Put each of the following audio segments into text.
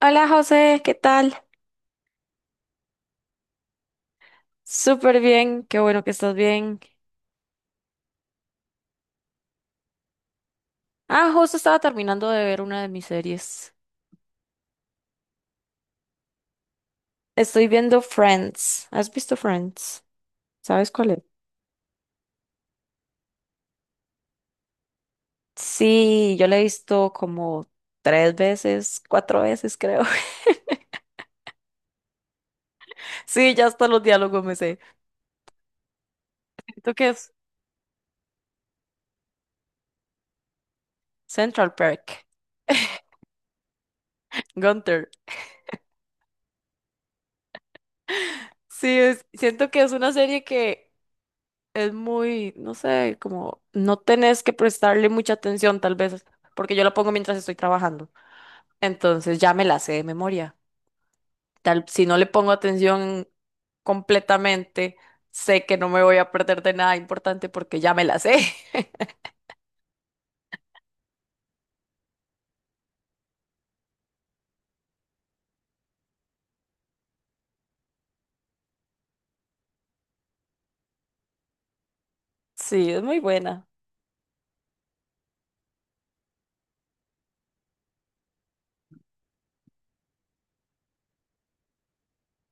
Hola José, ¿qué tal? Súper bien, qué bueno que estás bien. Ah, justo estaba terminando de ver una de mis series. Estoy viendo Friends. ¿Has visto Friends? ¿Sabes cuál es? Sí, yo la he visto como tres veces, cuatro veces creo. Sí, ya hasta los diálogos me sé. Siento que es Central Park. Gunther. Sí, siento que es una serie que es muy, no sé, como no tenés que prestarle mucha atención tal vez, porque yo la pongo mientras estoy trabajando. Entonces ya me la sé de memoria. Tal, si no le pongo atención completamente, sé que no me voy a perder de nada importante porque ya me la sé. Sí, es muy buena.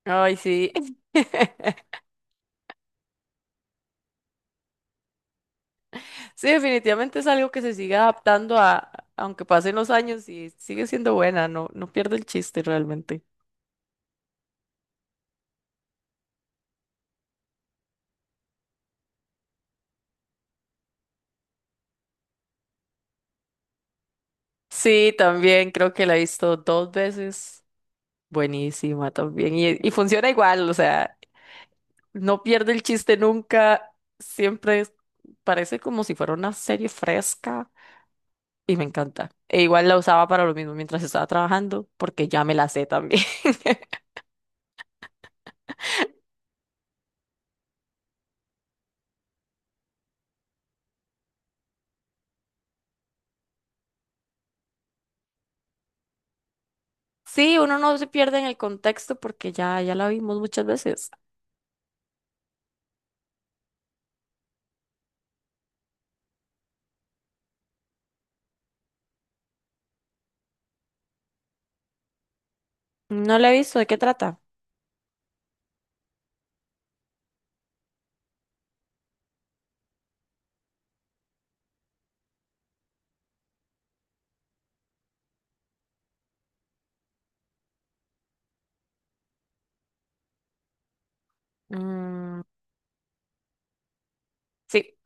Ay, sí. Sí, definitivamente es algo que se sigue adaptando a, aunque pasen los años y sigue siendo buena, no, no pierde el chiste realmente. Sí, también creo que la he visto dos veces. Buenísima también. Y funciona igual, o sea, no pierde el chiste nunca, parece como si fuera una serie fresca y me encanta. E igual la usaba para lo mismo mientras estaba trabajando, porque ya me la sé también. Sí, uno no se pierde en el contexto porque ya la vimos muchas veces. No la he visto, ¿de qué trata? Mm, sí,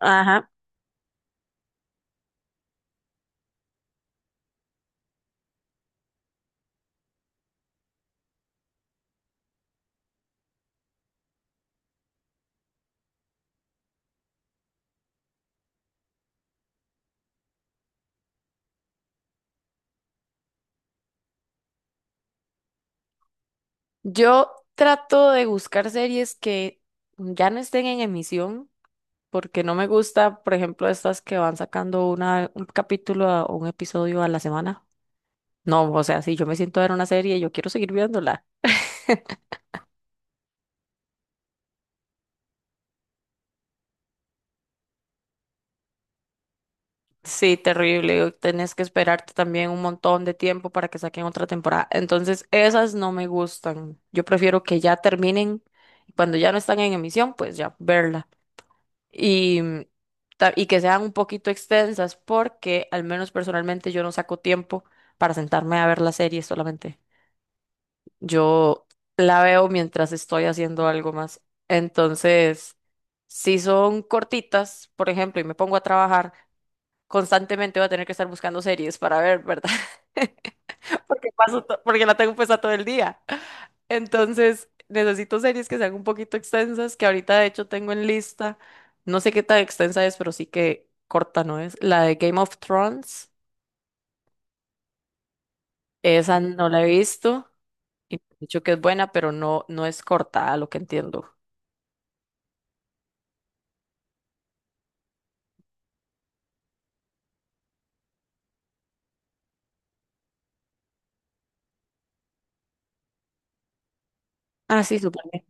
ajá. Yo trato de buscar series que ya no estén en emisión, porque no me gusta, por ejemplo, estas que van sacando un capítulo o un episodio a la semana. No, o sea, si yo me siento a ver una serie, yo quiero seguir viéndola. Sí, terrible. Tenés que esperarte también un montón de tiempo para que saquen otra temporada. Entonces, esas no me gustan. Yo prefiero que ya terminen y cuando ya no están en emisión, pues ya verla. Y, y que sean un poquito extensas porque al menos personalmente yo no saco tiempo para sentarme a ver la serie solamente. Yo la veo mientras estoy haciendo algo más. Entonces, si son cortitas, por ejemplo, y me pongo a trabajar, constantemente voy a tener que estar buscando series para ver, ¿verdad? Porque la tengo puesta todo el día. Entonces, necesito series que sean un poquito extensas, que ahorita de hecho tengo en lista. No sé qué tan extensa es, pero sí que corta no es. La de Game of Thrones, esa no la he visto y me han dicho que es buena, pero no, no es corta, a lo que entiendo. Ah, sí, súper bien.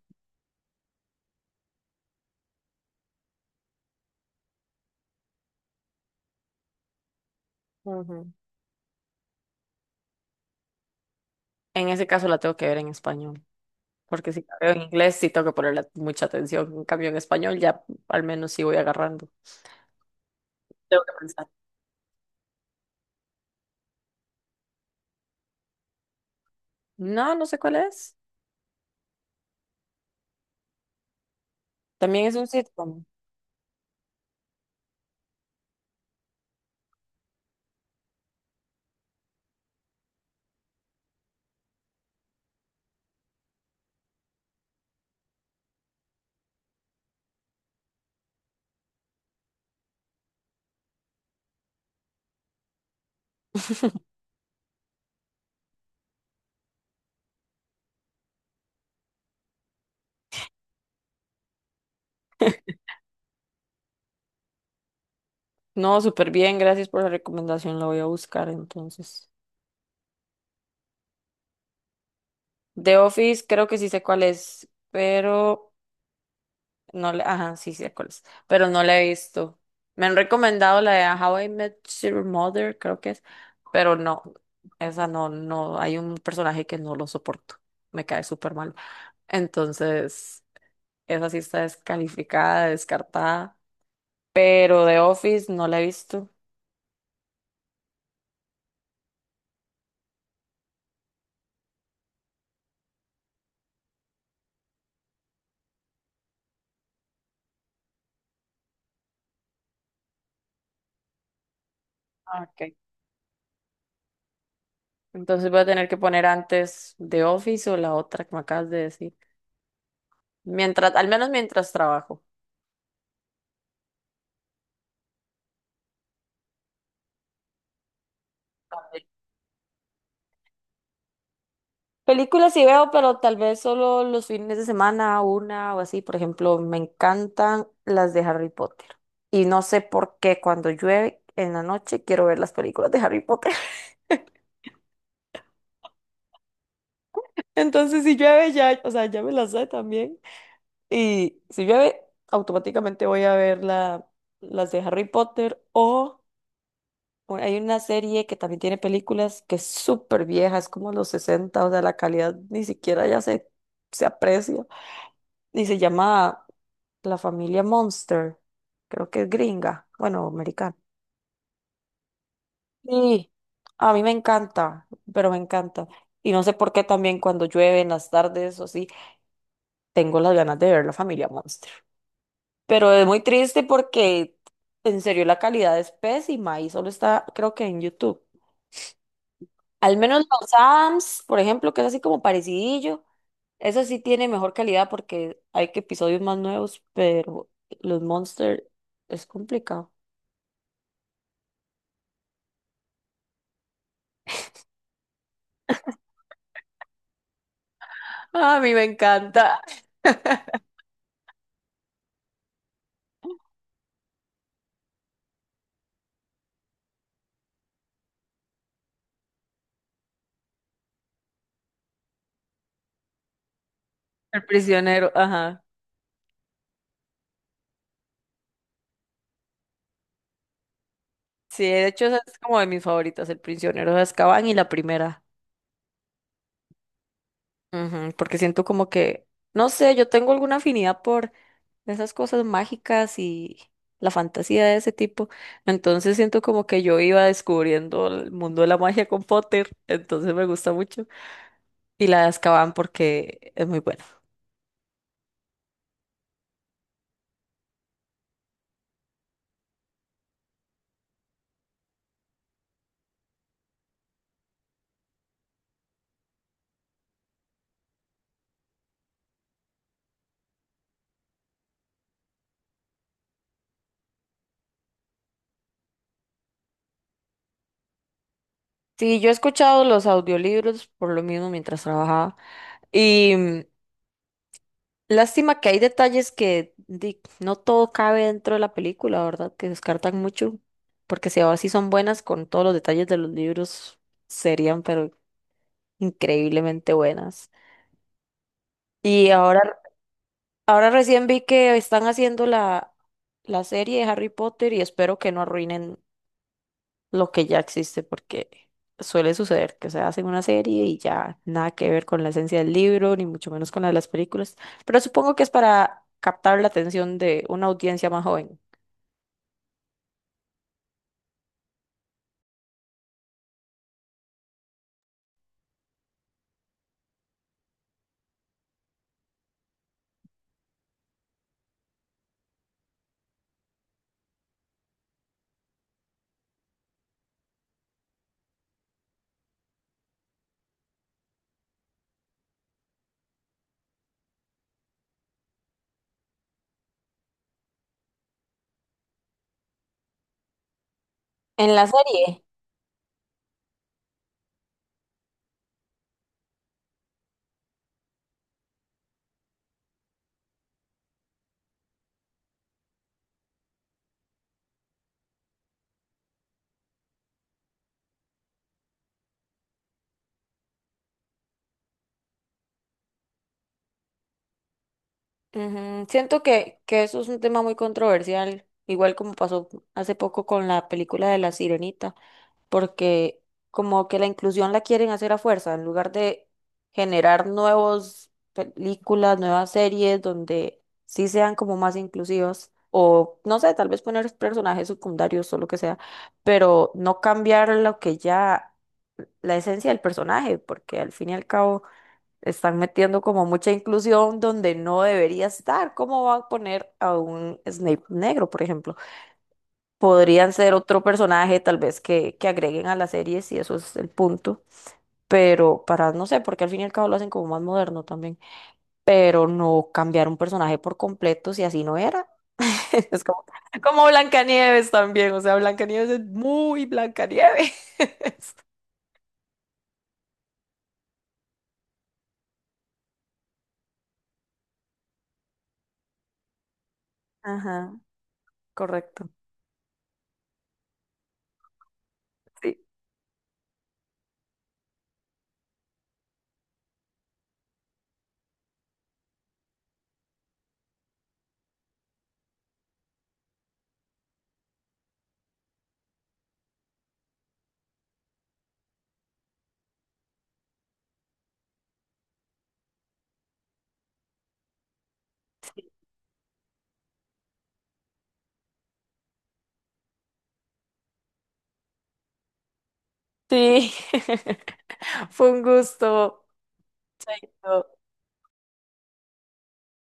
Ujú. En ese caso la tengo que ver en español, porque si la veo en inglés sí tengo que ponerle mucha atención. En cambio, en español ya al menos sí voy agarrando. Tengo que pensar. No, no sé cuál es. También es un sitcom. No, súper bien, gracias por la recomendación, la voy a buscar entonces. The Office creo que sí sé cuál es, pero No le, ajá, sí, sí, sé cuál es, pero no la he visto. Me han recomendado la de How I Met Your Mother, creo que es, pero no, esa no, no, hay un personaje que no lo soporto, me cae súper mal. Entonces, esa sí está descalificada, descartada, pero The Office no la he visto. Ah, ok. Entonces voy a tener que poner antes The Office o la otra que me acabas de decir, mientras, al menos mientras trabajo. Películas sí veo, pero tal vez solo los fines de semana, una o así. Por ejemplo, me encantan las de Harry Potter. Y no sé por qué cuando llueve en la noche quiero ver las películas de Harry Potter. Entonces, si llueve ya, o sea, ya me las sé también. Y si llueve, automáticamente voy a ver las de Harry Potter. O hay una serie que también tiene películas que es súper vieja, es como los 60, o sea, la calidad ni siquiera se aprecia. Y se llama la familia Monster. Creo que es gringa, bueno, americana. Sí, a mí me encanta, pero me encanta. Y no sé por qué también cuando llueve en las tardes o así, tengo las ganas de ver la familia Monster. Pero es muy triste porque en serio la calidad es pésima y solo está, creo que en YouTube. Al menos los Adams, por ejemplo, que es así como parecidillo, eso sí tiene mejor calidad porque hay que episodios más nuevos, pero los Monster es complicado. Ah, a mí me encanta. El prisionero, ajá. Sí, de hecho, esa es como de mis favoritas, El prisionero de Azkaban y la primera. Ujú, porque siento como que, no sé, yo tengo alguna afinidad por esas cosas mágicas y la fantasía de ese tipo. Entonces siento como que yo iba descubriendo el mundo de la magia con Potter, entonces me gusta mucho. Y la de Azkaban porque es muy buena. Sí, yo he escuchado los audiolibros por lo mismo mientras trabajaba. y Lástima que hay detalles no todo cabe dentro de la película, ¿verdad? Que descartan mucho, porque si ahora sí son buenas con todos los detalles de los libros, serían pero increíblemente buenas. Y ahora, ahora recién vi que están haciendo la serie de Harry Potter y espero que no arruinen lo que ya existe, porque suele suceder que se hacen una serie y ya nada que ver con la esencia del libro, ni mucho menos con la de las películas, pero supongo que es para captar la atención de una audiencia más joven. En la serie, ujú, siento que eso es un tema muy controversial, igual como pasó hace poco con la película de La Sirenita. Porque como que la inclusión la quieren hacer a fuerza, en lugar de generar nuevas películas, nuevas series donde sí sean como más inclusivos, o no sé, tal vez poner personajes secundarios o lo que sea, pero no cambiar lo que ya, la esencia del personaje, porque al fin y al cabo están metiendo como mucha inclusión donde no debería estar. ¿Cómo va a poner a un Snape negro, por ejemplo? Podrían ser otro personaje tal vez que agreguen a la serie si eso es el punto, pero para, no sé, porque al fin y al cabo lo hacen como más moderno también, pero no cambiar un personaje por completo si así no era. Es como, como Blancanieves también, o sea, Blancanieves es muy Blancanieves. Ajá, correcto. Sí. Sí, fue un gusto.